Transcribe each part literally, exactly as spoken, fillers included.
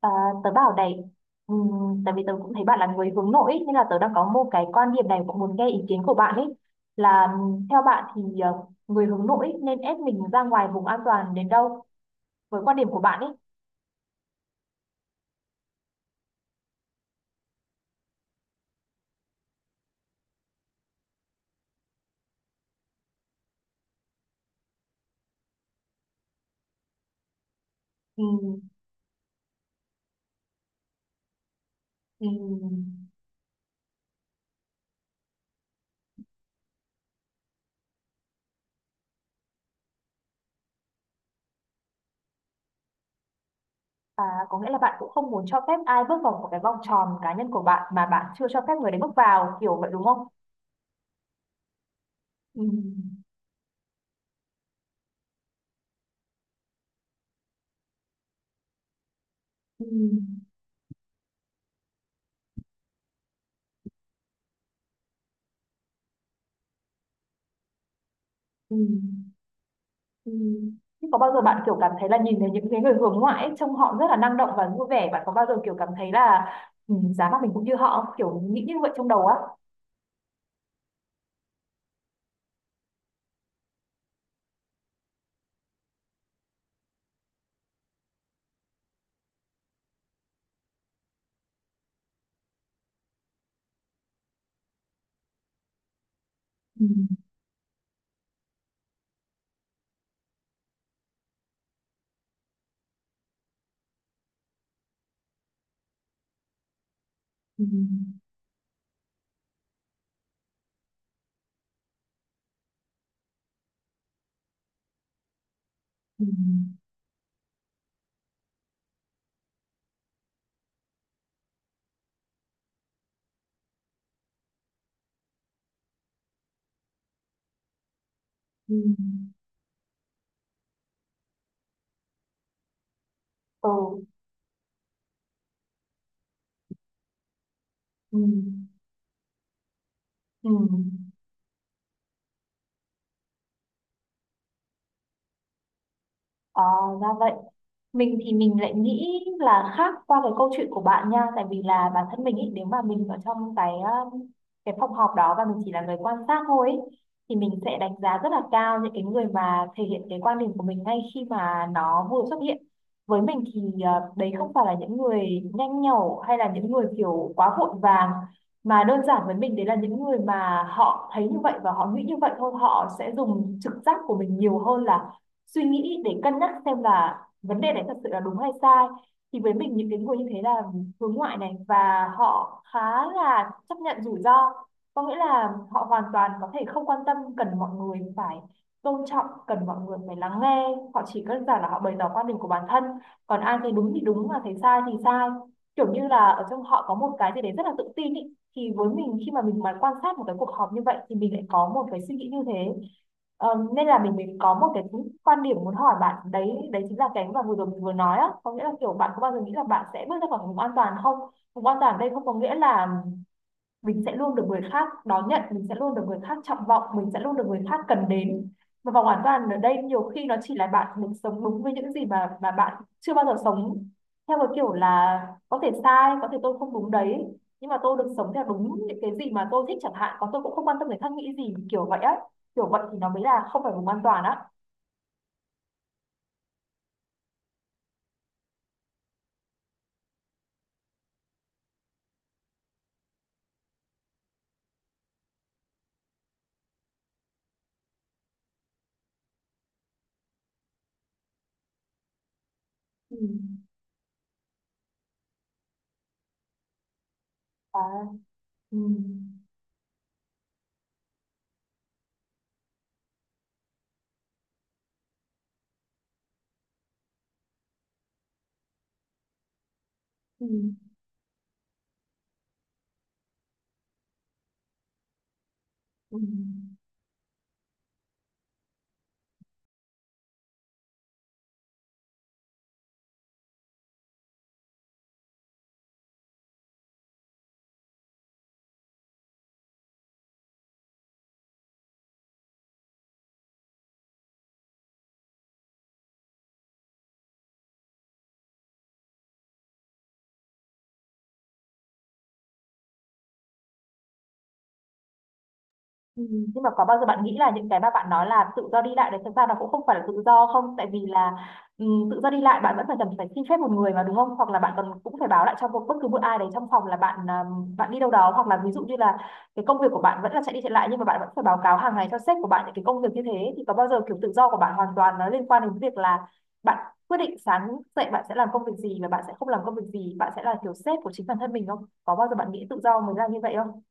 À, tớ bảo này. Ừm, tại vì tớ cũng thấy bạn là người hướng nội ý, nên là tớ đang có một cái quan điểm này cũng muốn nghe ý kiến của bạn ấy, là ừm, theo bạn thì ờ, người hướng nội ý nên ép mình ra ngoài vùng an toàn đến đâu, với quan điểm của bạn ấy? Ừm. Ừm. À, có nghĩa là bạn cũng không muốn cho phép ai bước vào một cái vòng tròn cá nhân của bạn mà bạn chưa cho phép người đấy bước vào kiểu vậy đúng không? Ừm. Ừm. Ừm. Ừ. Thế có bao giờ bạn kiểu cảm thấy là nhìn thấy những cái người hướng ngoại ấy, trông họ rất là năng động và vui vẻ, bạn có bao giờ kiểu cảm thấy là ừ, giá mà mình cũng như họ không, kiểu nghĩ như vậy trong đầu á? Ừ. Ừ. Ừ. Ừ. Ừ. Ừ. Ừ. À, ra vậy. Mình thì mình lại nghĩ là khác qua cái câu chuyện của bạn nha, tại vì là bản thân mình ý, nếu mà mình ở trong cái um, cái phòng họp đó và mình chỉ là người quan sát thôi ý, thì mình sẽ đánh giá rất là cao những cái người mà thể hiện cái quan điểm của mình ngay khi mà nó vừa xuất hiện. Với mình thì uh, đấy không phải là những người nhanh nhẩu hay là những người kiểu quá vội vàng, mà đơn giản với mình đấy là những người mà họ thấy như vậy và họ nghĩ như vậy thôi, họ sẽ dùng trực giác của mình nhiều hơn là suy nghĩ để cân nhắc xem là vấn đề đấy thật sự là đúng hay sai. Thì với mình những cái người như thế là hướng ngoại này, và họ khá là chấp nhận rủi ro, có nghĩa là họ hoàn toàn có thể không quan tâm, cần mọi người phải tôn trọng, cần mọi người phải lắng nghe. Họ chỉ đơn giản là họ bày tỏ quan điểm của bản thân, còn ai thấy đúng thì đúng mà thấy sai thì sai, kiểu như là ở trong họ có một cái gì đấy rất là tự tin ý. Thì với mình khi mà mình mà quan sát một cái cuộc họp như vậy thì mình lại có một cái suy nghĩ như thế. Ờ, Nên là mình mình có một cái quan điểm muốn hỏi bạn đấy, đấy chính là cái mà vừa rồi mình vừa nói á, có nghĩa là kiểu bạn có bao giờ nghĩ là bạn sẽ bước ra khỏi vùng an toàn không? Vùng an toàn ở đây không có nghĩa là mình sẽ luôn được người khác đón nhận, mình sẽ luôn được người khác trọng vọng, mình sẽ luôn được người khác cần đến. Và vòng an toàn ở đây nhiều khi nó chỉ là bạn mình sống đúng với những gì mà mà bạn chưa bao giờ sống, theo cái kiểu là có thể sai, có thể tôi không đúng đấy, nhưng mà tôi được sống theo đúng những cái gì mà tôi thích chẳng hạn, còn tôi cũng không quan tâm người khác nghĩ gì, kiểu vậy á. Kiểu vậy thì nó mới là không phải vùng an toàn á. Ừ. À. Ừ. Ừ. Ừ. Ừ, nhưng mà có bao giờ bạn nghĩ là những cái mà bạn nói là tự do đi lại đấy thực ra nó cũng không phải là tự do không? Tại vì là ừ, tự do đi lại bạn vẫn phải cần phải xin phép một người mà đúng không, hoặc là bạn còn cũng phải báo lại cho một- bất cứ một ai đấy trong phòng là bạn à, bạn đi đâu đó, hoặc là ví dụ như là cái công việc của bạn vẫn là chạy đi chạy lại, nhưng mà bạn vẫn phải báo cáo hàng ngày cho sếp của bạn những cái công việc như thế. Thì có bao giờ kiểu tự do của bạn hoàn toàn nó liên quan đến việc là bạn quyết định sáng dậy bạn sẽ làm công việc gì và bạn sẽ không làm công việc gì, bạn sẽ là kiểu sếp của chính bản thân mình không? Có bao giờ bạn nghĩ tự do mới là như vậy không?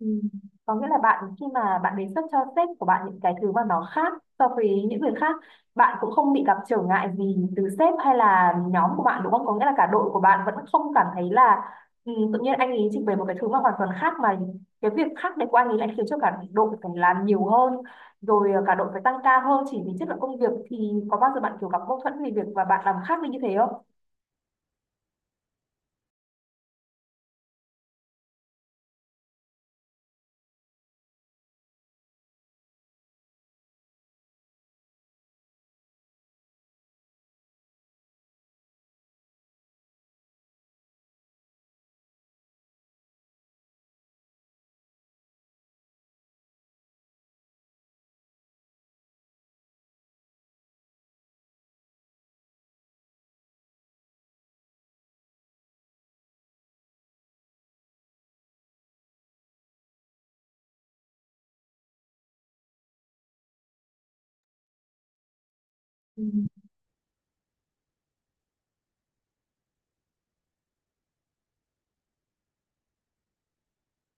Ừ. Có nghĩa là bạn khi mà bạn đề xuất cho sếp của bạn những cái thứ mà nó khác so với những người khác, bạn cũng không bị gặp trở ngại gì từ sếp hay là nhóm của bạn đúng không? Có nghĩa là cả đội của bạn vẫn không cảm thấy là ừ, tự nhiên anh ấy trình bày một cái thứ mà hoàn toàn khác, mà cái việc khác đấy của anh ấy lại khiến cho cả đội phải làm nhiều hơn, rồi ờ, cả đội phải tăng ca hơn chỉ vì chất lượng công việc. Thì có bao giờ bạn kiểu gặp mâu thuẫn về việc và bạn làm khác đi như thế không?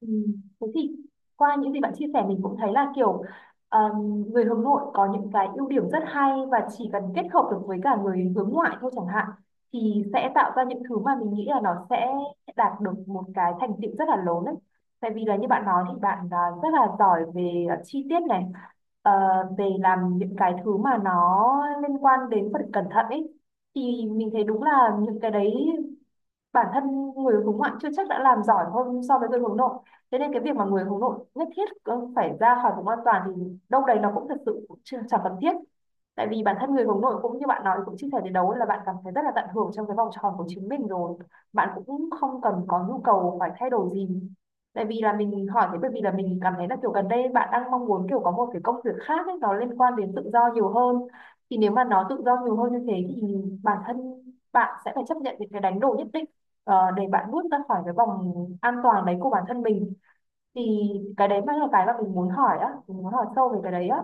Ừ. Thế thì qua những gì bạn chia sẻ mình cũng thấy là kiểu um, người hướng nội có những cái ưu điểm rất hay, và chỉ cần kết hợp được với cả người hướng ngoại thôi chẳng hạn thì sẽ tạo ra những thứ mà mình nghĩ là nó sẽ đạt được một cái thành tựu rất là lớn đấy. Tại vì là như bạn nói thì bạn à, rất là giỏi về à, chi tiết này, ờ, về làm những cái thứ mà nó liên quan đến phần cẩn thận ấy. Thì mình thấy đúng là những cái đấy, bản thân người hướng ngoại chưa chắc đã làm giỏi hơn so với người hướng nội. Thế nên cái việc mà người hướng nội nhất thiết ờ, phải ra khỏi vùng an toàn thì đâu đấy nó cũng thật sự cũng chưa- chẳng cần thiết. Tại vì bản thân người hướng nội cũng như bạn nói cũng chia sẻ đến đấu là bạn cảm thấy rất là tận hưởng trong cái vòng tròn của chính mình rồi, bạn cũng không cần có nhu cầu phải thay đổi gì. Tại vì là mình hỏi thế bởi vì là mình cảm thấy là kiểu gần đây bạn đang mong muốn kiểu có một cái công việc khác ấy, nó liên quan đến tự do nhiều hơn. Thì nếu mà nó tự do nhiều hơn như thế thì bản thân bạn sẽ phải chấp nhận những cái đánh đổi nhất định, ờ, để bạn bước ra khỏi cái vòng an toàn đấy của bản thân mình. Thì cái đấy mới là cái mà mình muốn hỏi á, mình muốn hỏi sâu về cái đấy á.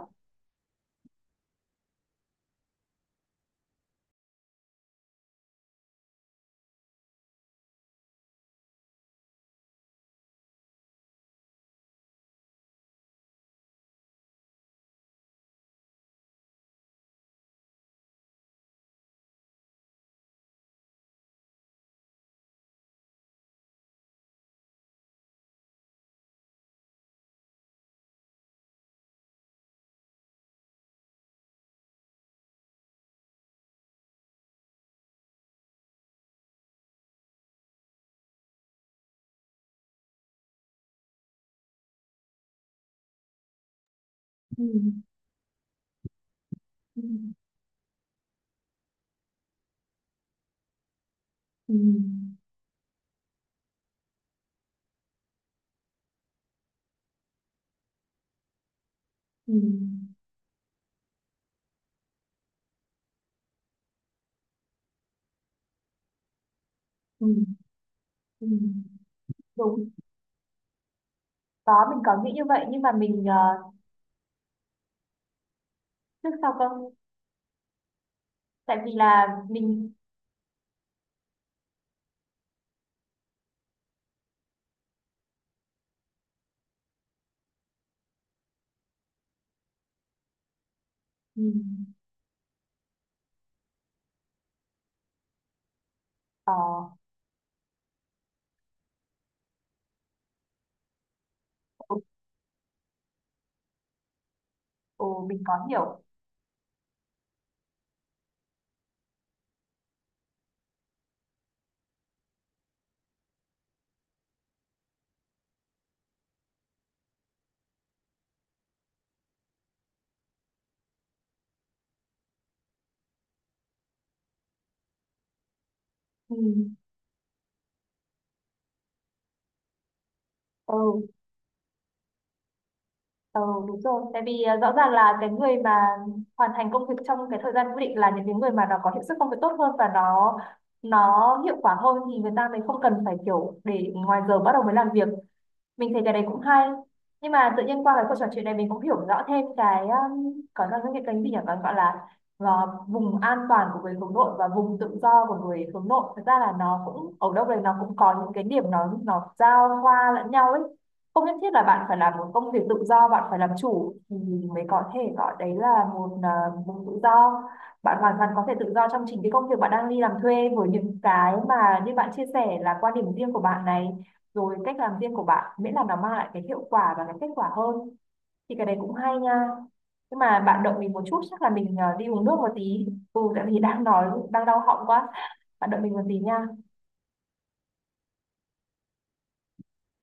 Ừ. Ừ. Ừ. Ừ. Ừ. Ừ. Đúng. Có, mình có nghĩ như vậy nhưng mà mình ờ, trước sau cơ, tại vì là mình. Ừ. ờ, ừ, ừ, mình có hiểu. Ừ. Ừ. Ừ, đúng rồi. Tại vì à, rõ ràng là cái người mà hoàn thành công việc trong cái thời gian quy định là những cái người mà nó có hiệu suất công việc tốt hơn và nó nó hiệu quả hơn, thì người ta mới không cần phải kiểu để ngoài giờ bắt đầu mới làm việc. Mình thấy cái đấy cũng hay, nhưng mà tự nhiên qua cái cuộc trò chuyện này mình cũng hiểu rõ thêm cái um, có là cái kênh gì nhỉ, còn gọi là ờ, vùng an toàn của người hướng nội và vùng tự do của người hướng nội, thật ra là nó cũng ở đâu đấy nó cũng có những cái điểm nó nó giao hoa lẫn nhau ấy. Không nhất thiết là bạn phải làm một công việc tự do, bạn phải làm chủ thì mới có thể gọi đấy là một ờ, vùng tự do. Bạn hoàn toàn có thể tự do trong chính cái công việc bạn đang đi làm thuê, với những cái mà như bạn chia sẻ là quan điểm riêng của bạn này, rồi cách làm riêng của bạn, miễn là nó mang lại cái hiệu quả và cái kết quả hơn thì cái đấy cũng hay nha. Nhưng mà bạn động mình một chút, chắc là mình ờ, đi uống nước một tí. Ừ, tại vì đang nói đang đau họng quá, bạn động mình một tí nha.